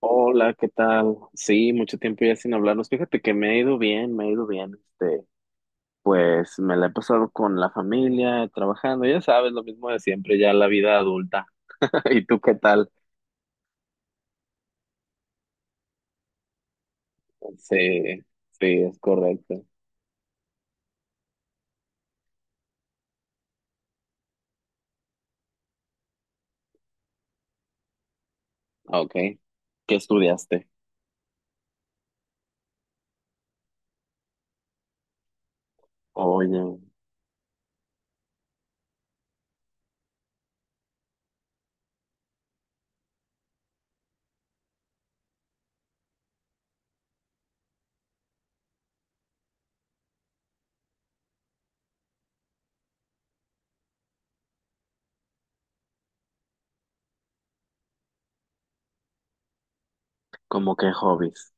Hola, ¿qué tal? Sí, mucho tiempo ya sin hablarnos. Fíjate que me ha ido bien, me ha ido bien. Este, pues me la he pasado con la familia, trabajando, ya sabes, lo mismo de siempre, ya la vida adulta. ¿Y tú qué tal? Sí, sí, es correcto. Ah, ok. ¿Qué estudiaste? Oye, ¿cómo qué hobbies?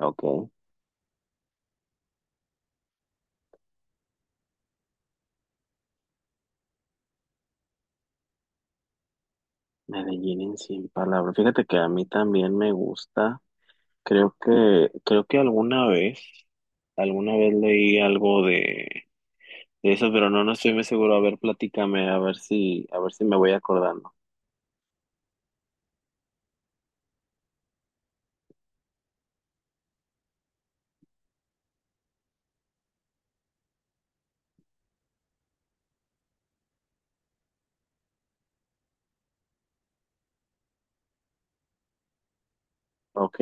Ok. Medellín en 100 palabras. Fíjate que a mí también me gusta. Creo que alguna vez leí algo de eso, pero no, no estoy muy seguro. A ver, platícame, a ver si me voy acordando. Ok.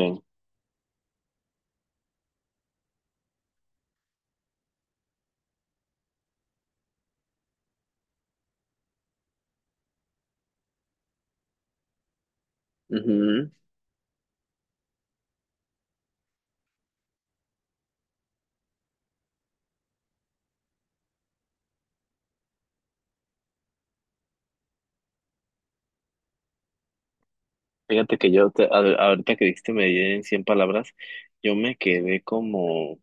Ujú. Fíjate que ahorita que dijiste medir en 100 palabras, yo me quedé como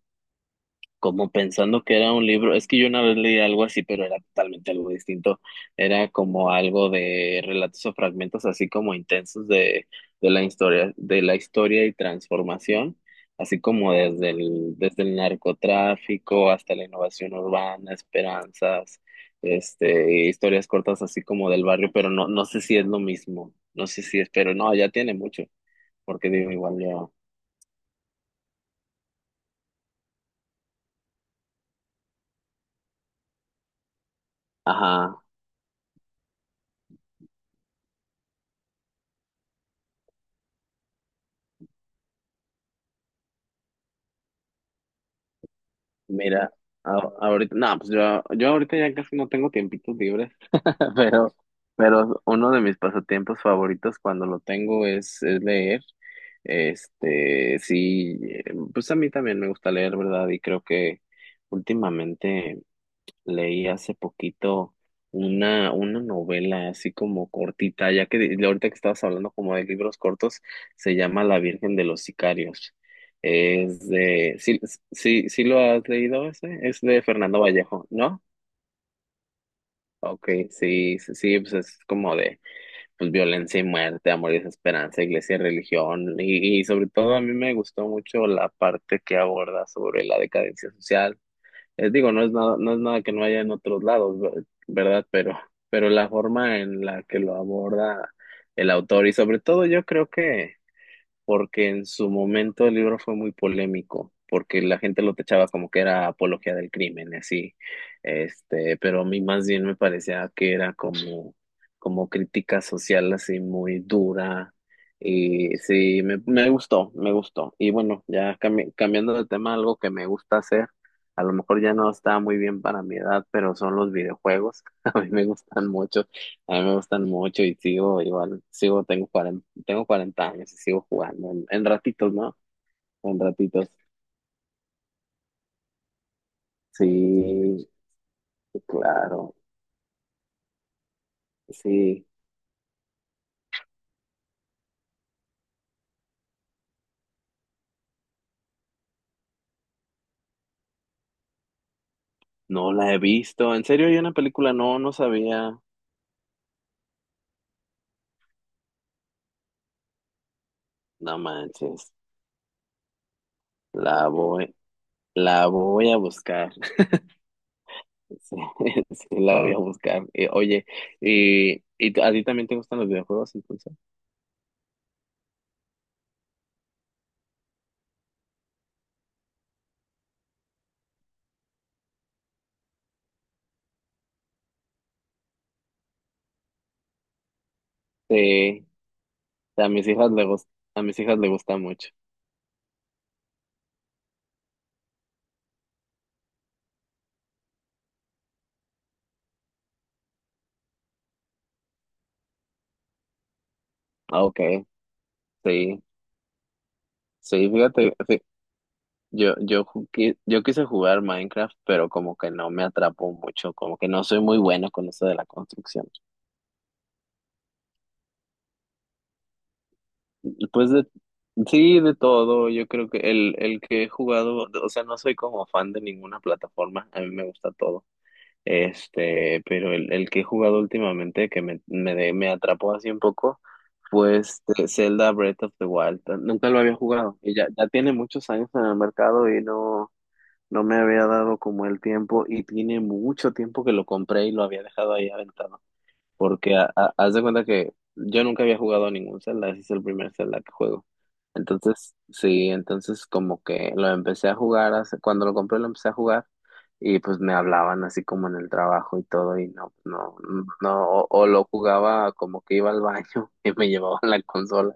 como pensando que era un libro, es que yo una vez leí algo así, pero era totalmente algo distinto, era como algo de relatos o fragmentos así como intensos de la historia y transformación, así como desde el narcotráfico hasta la innovación urbana, esperanzas, historias cortas así como del barrio, pero no, no sé si es lo mismo, no sé si es, pero no, ya tiene mucho, porque digo, igual ya ajá. Mira, ahorita, no, pues yo ahorita ya casi no tengo tiempitos libres, pero, pero uno de mis pasatiempos favoritos cuando lo tengo es leer. Este, sí, eh, pues a mí también me gusta leer, ¿verdad? Y creo que últimamente leí hace poquito una novela así como cortita, ya que ahorita que estabas hablando como de libros cortos, se llama La Virgen de los Sicarios. Es de, sí, sí, sí lo has leído ese, es de Fernando Vallejo, ¿no? Ok, sí, sí, sí, pues es como de pues, violencia y muerte, amor y desesperanza, iglesia y religión, y sobre todo a mí me gustó mucho la parte que aborda sobre la decadencia social digo, no es nada, no es nada que no haya en otros lados, ¿verdad? Pero la forma en la que lo aborda el autor y sobre todo yo creo que porque en su momento el libro fue muy polémico, porque la gente lo techaba como que era apología del crimen y así, pero a mí más bien me parecía que era como, como crítica social así muy dura, y sí, me gustó, me gustó. Y bueno, ya cambiando de tema, algo que me gusta hacer, a lo mejor ya no está muy bien para mi edad, pero son los videojuegos. A mí me gustan mucho. A mí me gustan mucho y sigo igual, sigo, tengo 40 años y sigo jugando en ratitos, ¿no? En ratitos. Sí, claro, sí. No la he visto. En serio, hay una película, no, no sabía. No manches. La voy, la voy a buscar. Sí, sí, la voy a wow buscar. Oye, y, a ti también te gustan los videojuegos, entonces. Sí, a mis hijas le gust- a mis hijas le gusta mucho. Ah, okay, sí. Sí, fíjate, yo quise jugar Minecraft, pero como que no me atrapó mucho, como que no soy muy bueno con eso de la construcción. Pues de, sí, de todo, yo creo que el que he jugado, o sea, no soy como fan de ninguna plataforma, a mí me gusta todo. Pero el que he jugado últimamente que me, me atrapó así un poco fue este Zelda Breath of the Wild. Nunca lo había jugado y ya, ya tiene muchos años en el mercado y no. No me había dado como el tiempo y tiene mucho tiempo que lo compré y lo había dejado ahí aventado. Porque haz de cuenta que yo nunca había jugado a ningún Zelda, ese es el primer Zelda que juego. Entonces, sí, entonces como que lo empecé a jugar, cuando lo compré lo empecé a jugar y pues me hablaban así como en el trabajo y todo y no, no, no, o lo jugaba como que iba al baño y me llevaban la consola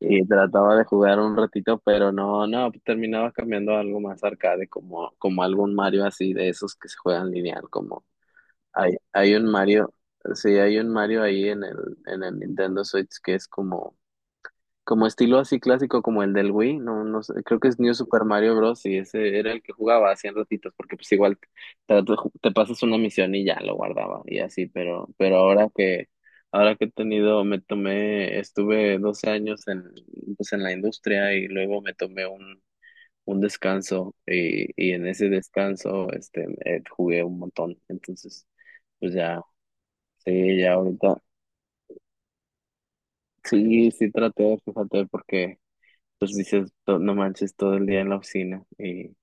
y trataba de jugar un ratito, pero no, no, terminaba cambiando a algo más arcade, como, como algún Mario así de esos que se juegan lineal, hay un Mario, sí, hay un Mario ahí en el Nintendo Switch que es como, como estilo así clásico como el del Wii, no, no sé, creo que es New Super Mario Bros. Y ese era el que jugaba hacían ratitos, porque pues igual te, te pasas una misión y ya lo guardaba y así, pero ahora que he tenido, me tomé, estuve 12 años en, pues en la industria y luego me tomé un descanso y en ese descanso jugué un montón entonces pues ya sí, ya ahorita. Sí, sí traté, de fíjate, porque pues dices, "No no manches todo el día en la oficina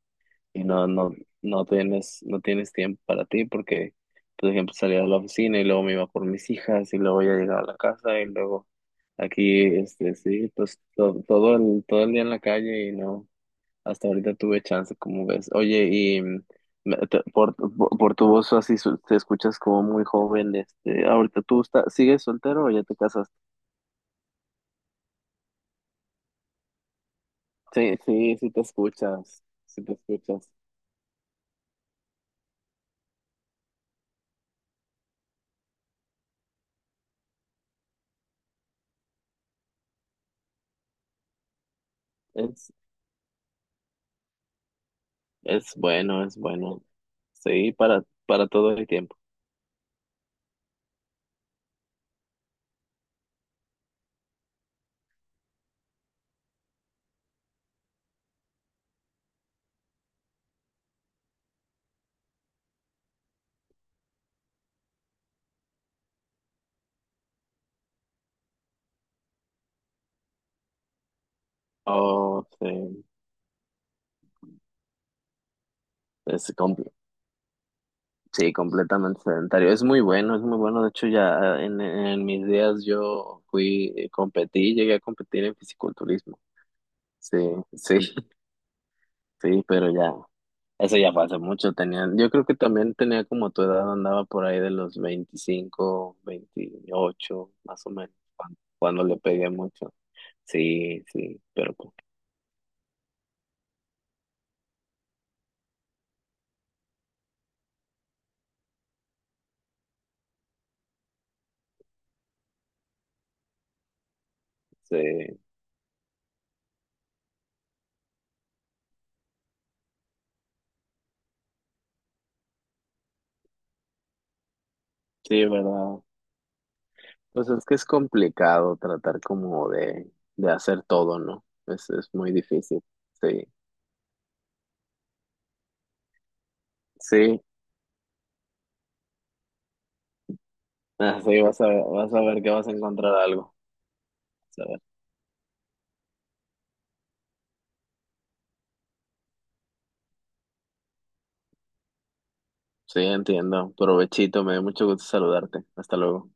y no, no, no tienes, no tienes tiempo para ti porque, por ejemplo, salía de la oficina y luego me iba por mis hijas y luego ya llegaba a la casa y luego aquí, sí, pues todo, todo el día en la calle y no, hasta ahorita tuve chance, como ves. Oye, por tu voz así te escuchas como muy joven, ahorita tú estás, ¿sigues soltero o ya te casaste? Sí, sí, sí te escuchas, sí te escuchas. Es, es bueno, es bueno. Sí, para todo el tiempo. Oh, sí, es comple- sí, completamente sedentario. Es muy bueno, es muy bueno. De hecho, ya en mis días yo fui, competí, llegué a competir en fisiculturismo. Sí, sí, sí, pero ya, eso ya fue hace mucho. Tenía, yo creo que también tenía como tu edad, andaba por ahí de los 25, 28, más o menos, cuando, cuando le pegué mucho. Sí, sí, pero pues, sí, sí, verdad. Pues es que es complicado tratar como de hacer todo, ¿no? Es muy difícil. Sí, sí, ah, sí, vas a, vas a ver que vas a encontrar algo. Vas a ver. Sí, entiendo. Provechito, me dio mucho gusto saludarte. Hasta luego.